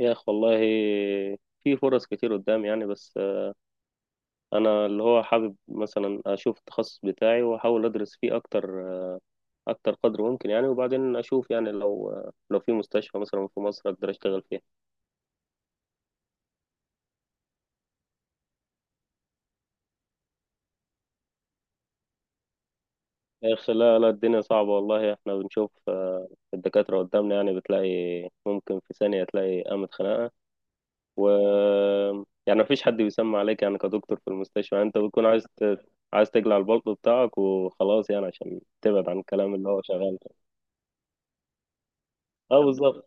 يا أخ والله، في فرص كتير قدام يعني. بس أنا اللي هو حابب مثلا أشوف التخصص بتاعي وأحاول أدرس فيه أكتر، أكتر قدر ممكن يعني. وبعدين أشوف يعني لو في مستشفى مثلا في مصر أقدر أشتغل فيها. يا أخ، لا لا الدنيا صعبة والله. إحنا بنشوف الدكاترة قدامنا يعني، بتلاقي ممكن في ثانية تلاقي قامت خناقة. و يعني مفيش حد بيسمع عليك يعني كدكتور في المستشفى، يعني أنت بتكون عايز تقلع البلطو بتاعك وخلاص يعني عشان تبعد عن الكلام اللي هو شغال. اه بالظبط.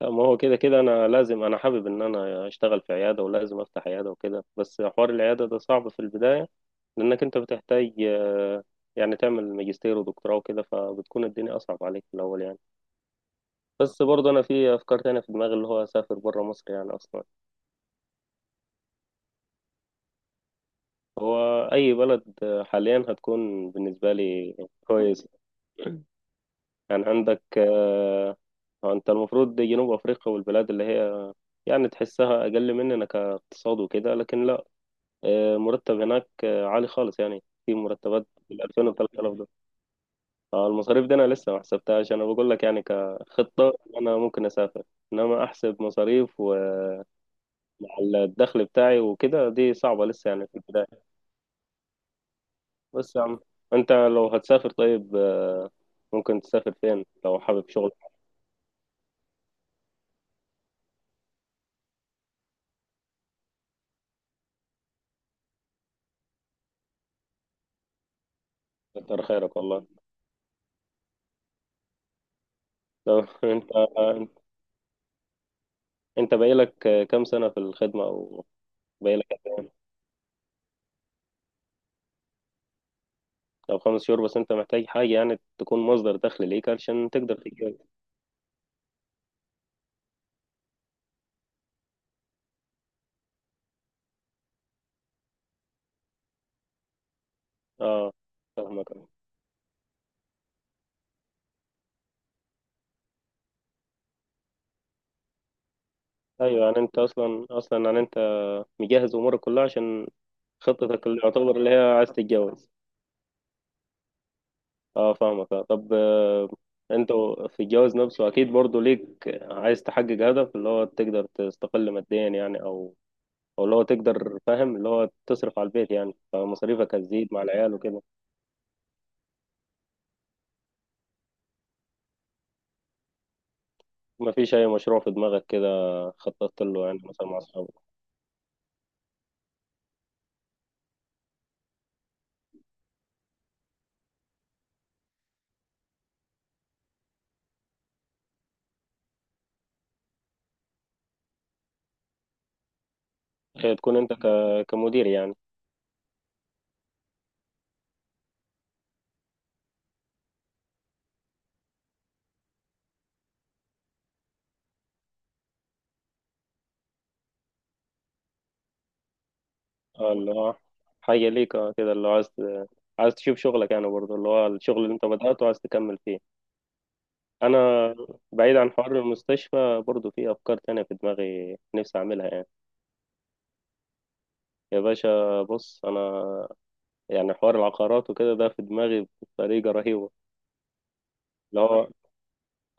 لا، ما هو كده كده انا لازم، انا حابب ان انا اشتغل في عياده ولازم افتح عياده وكده. بس حوار العياده ده صعب في البدايه، لانك انت بتحتاج يعني تعمل ماجستير ودكتوراه وكده، فبتكون الدنيا اصعب عليك في الاول يعني. بس برضه انا في افكار تانية في دماغي، اللي هو اسافر بره مصر يعني اصلا. هو اي بلد حاليا هتكون بالنسبه لي كويس. يعني عندك انت المفروض جنوب افريقيا والبلاد اللي هي يعني تحسها اقل مننا كاقتصاد وكده، لكن لا، مرتب هناك عالي خالص، يعني في مرتبات بال 2000 و 3000 دولار. المصاريف دي انا لسه ما حسبتهاش. انا بقول لك يعني كخطة انا ممكن اسافر، انما احسب مصاريف ومع الدخل بتاعي وكده دي صعبة لسه يعني في البداية. بس يا عم، انت لو هتسافر طيب، ممكن تسافر فين لو حابب شغل؟ كتر خيرك والله. لو انت، انت بقالك كام سنة في الخدمة؟ او بقالك، او 5 شهور؟ بس انت محتاج حاجة يعني تكون مصدر دخل ليك علشان تقدر. اه فاهمك. ايوه، يعني انت اصلا يعني انت مجهز امورك كلها عشان خطتك، اللي يعتبر اللي هي عايز تتجوز. اه فاهمك آه. طب انت في الجواز نفسه اكيد برضو ليك، عايز تحقق هدف اللي هو تقدر تستقل ماديا يعني، او اللي هو تقدر، فاهم اللي هو تصرف على البيت، يعني فمصاريفك هتزيد مع العيال وكده. ما فيش اي مشروع في دماغك كده خططت له يعني مثلا مع اصحابك؟ هي تكون انت كمدير يعني. اه اللي هو حاجة ليك اه كده، اللي هو عايز، عايز تشوف شغلك يعني برضه، اللي هو الشغل اللي انت بدأته عايز تكمل فيه. انا بعيد عن حوار المستشفى برضه، في افكار تانية في دماغي نفسي اعملها يعني. يا باشا بص انا، يعني حوار العقارات وكده ده في دماغي بطريقة رهيبة. اللي هو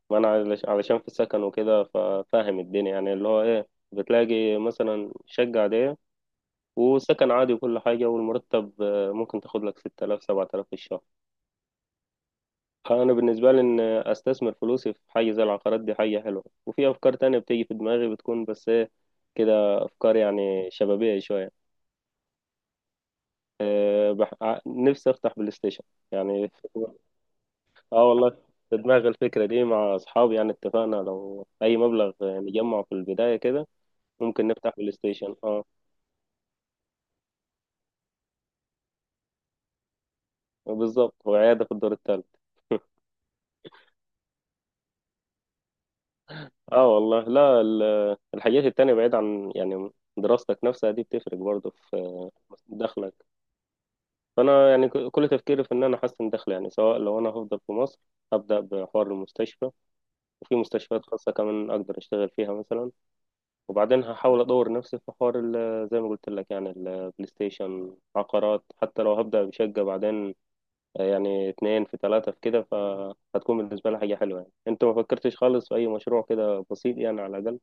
ما انا علش- علشان في السكن وكده ففاهم الدنيا يعني، اللي هو ايه، بتلاقي مثلا شقة عادية وسكن عادي وكل حاجة، والمرتب ممكن تاخد لك 6000 7000 في الشهر. انا بالنسبه لي ان استثمر فلوسي في حاجه زي العقارات دي حاجه حلوه. وفي افكار تانية بتيجي في دماغي، بتكون بس ايه، كده افكار يعني شبابيه شويه. أه نفسي افتح بلاي ستيشن يعني. اه والله، في دماغي الفكره دي مع اصحابي يعني، اتفقنا لو اي مبلغ نجمعه في البدايه كده ممكن نفتح بلاي ستيشن اه. بالظبط، وعياده في الدور الثالث. اه والله، لا الحاجات التانية بعيد عن يعني دراستك نفسها دي بتفرق برضه في دخلك. فانا يعني كل تفكيري في ان انا احسن دخل، يعني سواء لو انا هفضل في مصر هبدا بحوار المستشفى، وفي مستشفيات خاصه كمان اقدر اشتغل فيها مثلا. وبعدين هحاول ادور نفسي في حوار زي ما قلت لك يعني البلاي ستيشن، عقارات، حتى لو هبدا بشقه بعدين يعني اتنين في ثلاثه في كده، فهتكون بالنسبه لي حاجه حلوه يعني. انت ما فكرتش خالص في اي مشروع كده بسيط يعني على الاقل؟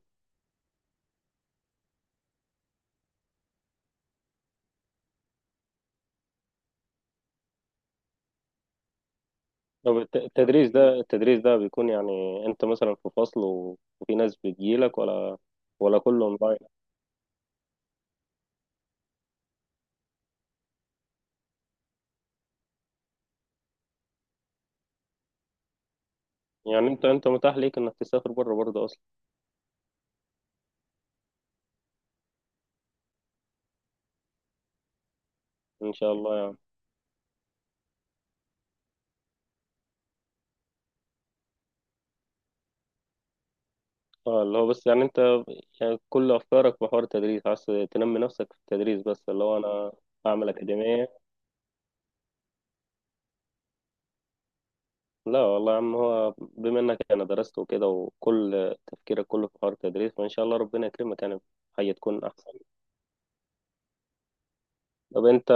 طب التدريس ده، التدريس ده بيكون يعني انت مثلا في فصل وفي ناس بتجيلك، ولا كله اونلاين؟ يعني انت متاح ليك انك تسافر بره برضه اصلا؟ ان شاء الله يعني. اه اللي هو بس يعني انت، يعني كل افكارك في حوار التدريس، عايز تنمي نفسك في التدريس، بس اللي هو انا اعمل اكاديميه. لا والله يا عم، هو بما انك انا درست وكده وكل تفكيرك كله في حوار التدريس، فان شاء الله ربنا يكرمك يعني، حاجه تكون احسن. طب انت.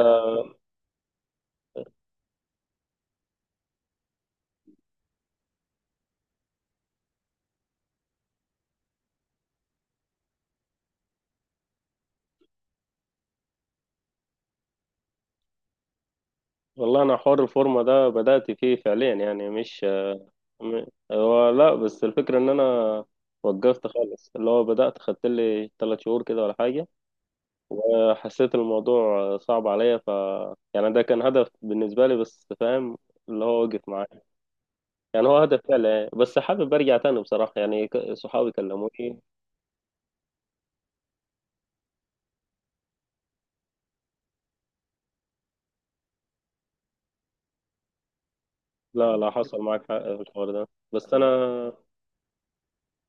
والله انا حوار الفورمه ده بدات فيه فعليا يعني مش م- هو لا، بس الفكره ان انا وقفت خالص، اللي هو بدات خدت لي 3 شهور كده ولا حاجه، وحسيت الموضوع صعب عليا. ف يعني ده كان هدف بالنسبة لي، بس فاهم اللي هو وقف معايا. يعني هو هدف فعلا، بس حابب ارجع تاني بصراحة. يعني صحابي كلموني. لا لا، حصل معاك حق في الحوار ده، بس انا،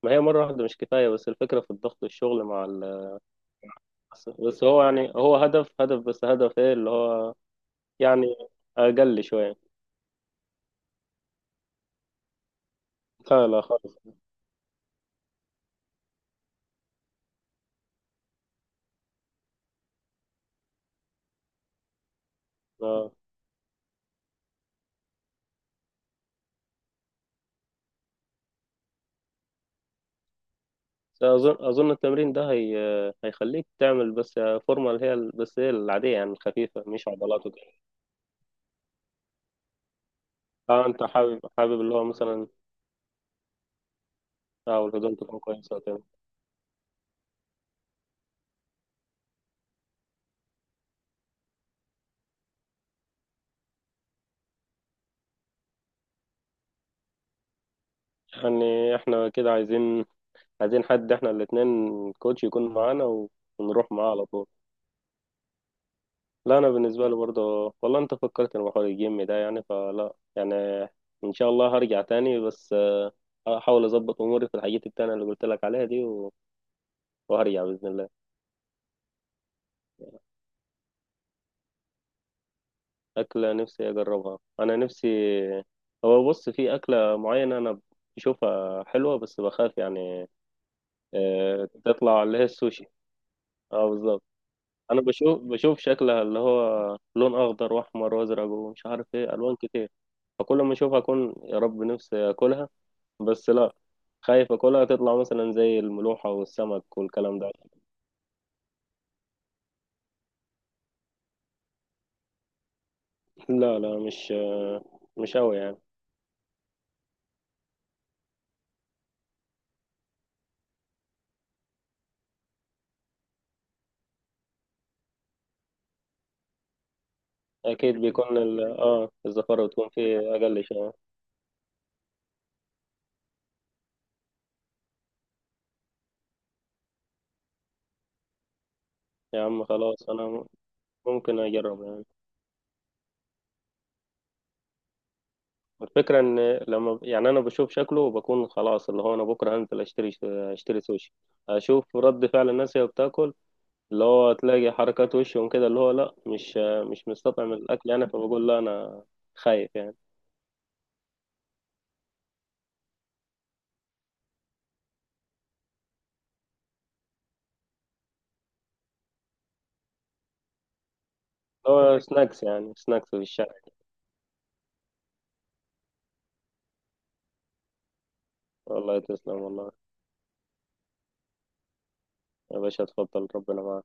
ما هي مرة واحدة مش كفاية. بس الفكرة في الضغط، الشغل مع ال... بس هو يعني هو هدف، هدف، بس هدف ايه اللي هو يعني اقل شوية. لا لا خالص آه. أظن التمرين ده هي... هيخليك تعمل بس فورمة، اللي هي بس هي العادية، يعني الخفيفة، مش عضلات وكده. اه، انت حابب اللي هو مثلا اه، والهدوم تكون كويسة وكده. يعني احنا كده عايزين، عايزين حد، احنا الاتنين كوتش يكون معانا ونروح معاه على طول. لا انا بالنسبة لي برضه والله انت فكرت في حوار الجيم ده، يعني فلا يعني، ان شاء الله هرجع تاني بس هحاول اظبط اموري في الحاجات التانية اللي قلت لك عليها دي وهرجع بإذن الله. أكلة نفسي أجربها، أنا نفسي. هو بص، في أكلة معينة أنا بشوفها حلوة بس بخاف يعني تطلع، اللي هي السوشي. اه بالظبط. أنا بشوف شكلها اللي هو لون أخضر وأحمر وأزرق ومش عارف إيه ألوان كتير، فكل ما أشوفها أكون يا رب نفسي أكلها. بس لا، خايف أكلها تطلع مثلا زي الملوحة والسمك والكلام ده. لا لا، مش أوي يعني. أكيد بيكون ال آه الزفارة بتكون فيه أقل شوية. يا عم خلاص، أنا ممكن اجرب يعني. الفكره ان لما، يعني انا بشوف شكله وبكون خلاص اللي هو انا بكره هنزل اشتري، اشتري سوشي، اشوف رد فعل الناس وهي بتاكل، اللي هو تلاقي حركات وشهم كده اللي هو لا، مش مستطعم الاكل يعني فبقول لا، انا خايف يعني. هو سناكس يعني، سناكس في الشارع. والله تسلم والله، يا باشا اتفضل، ربنا معاك.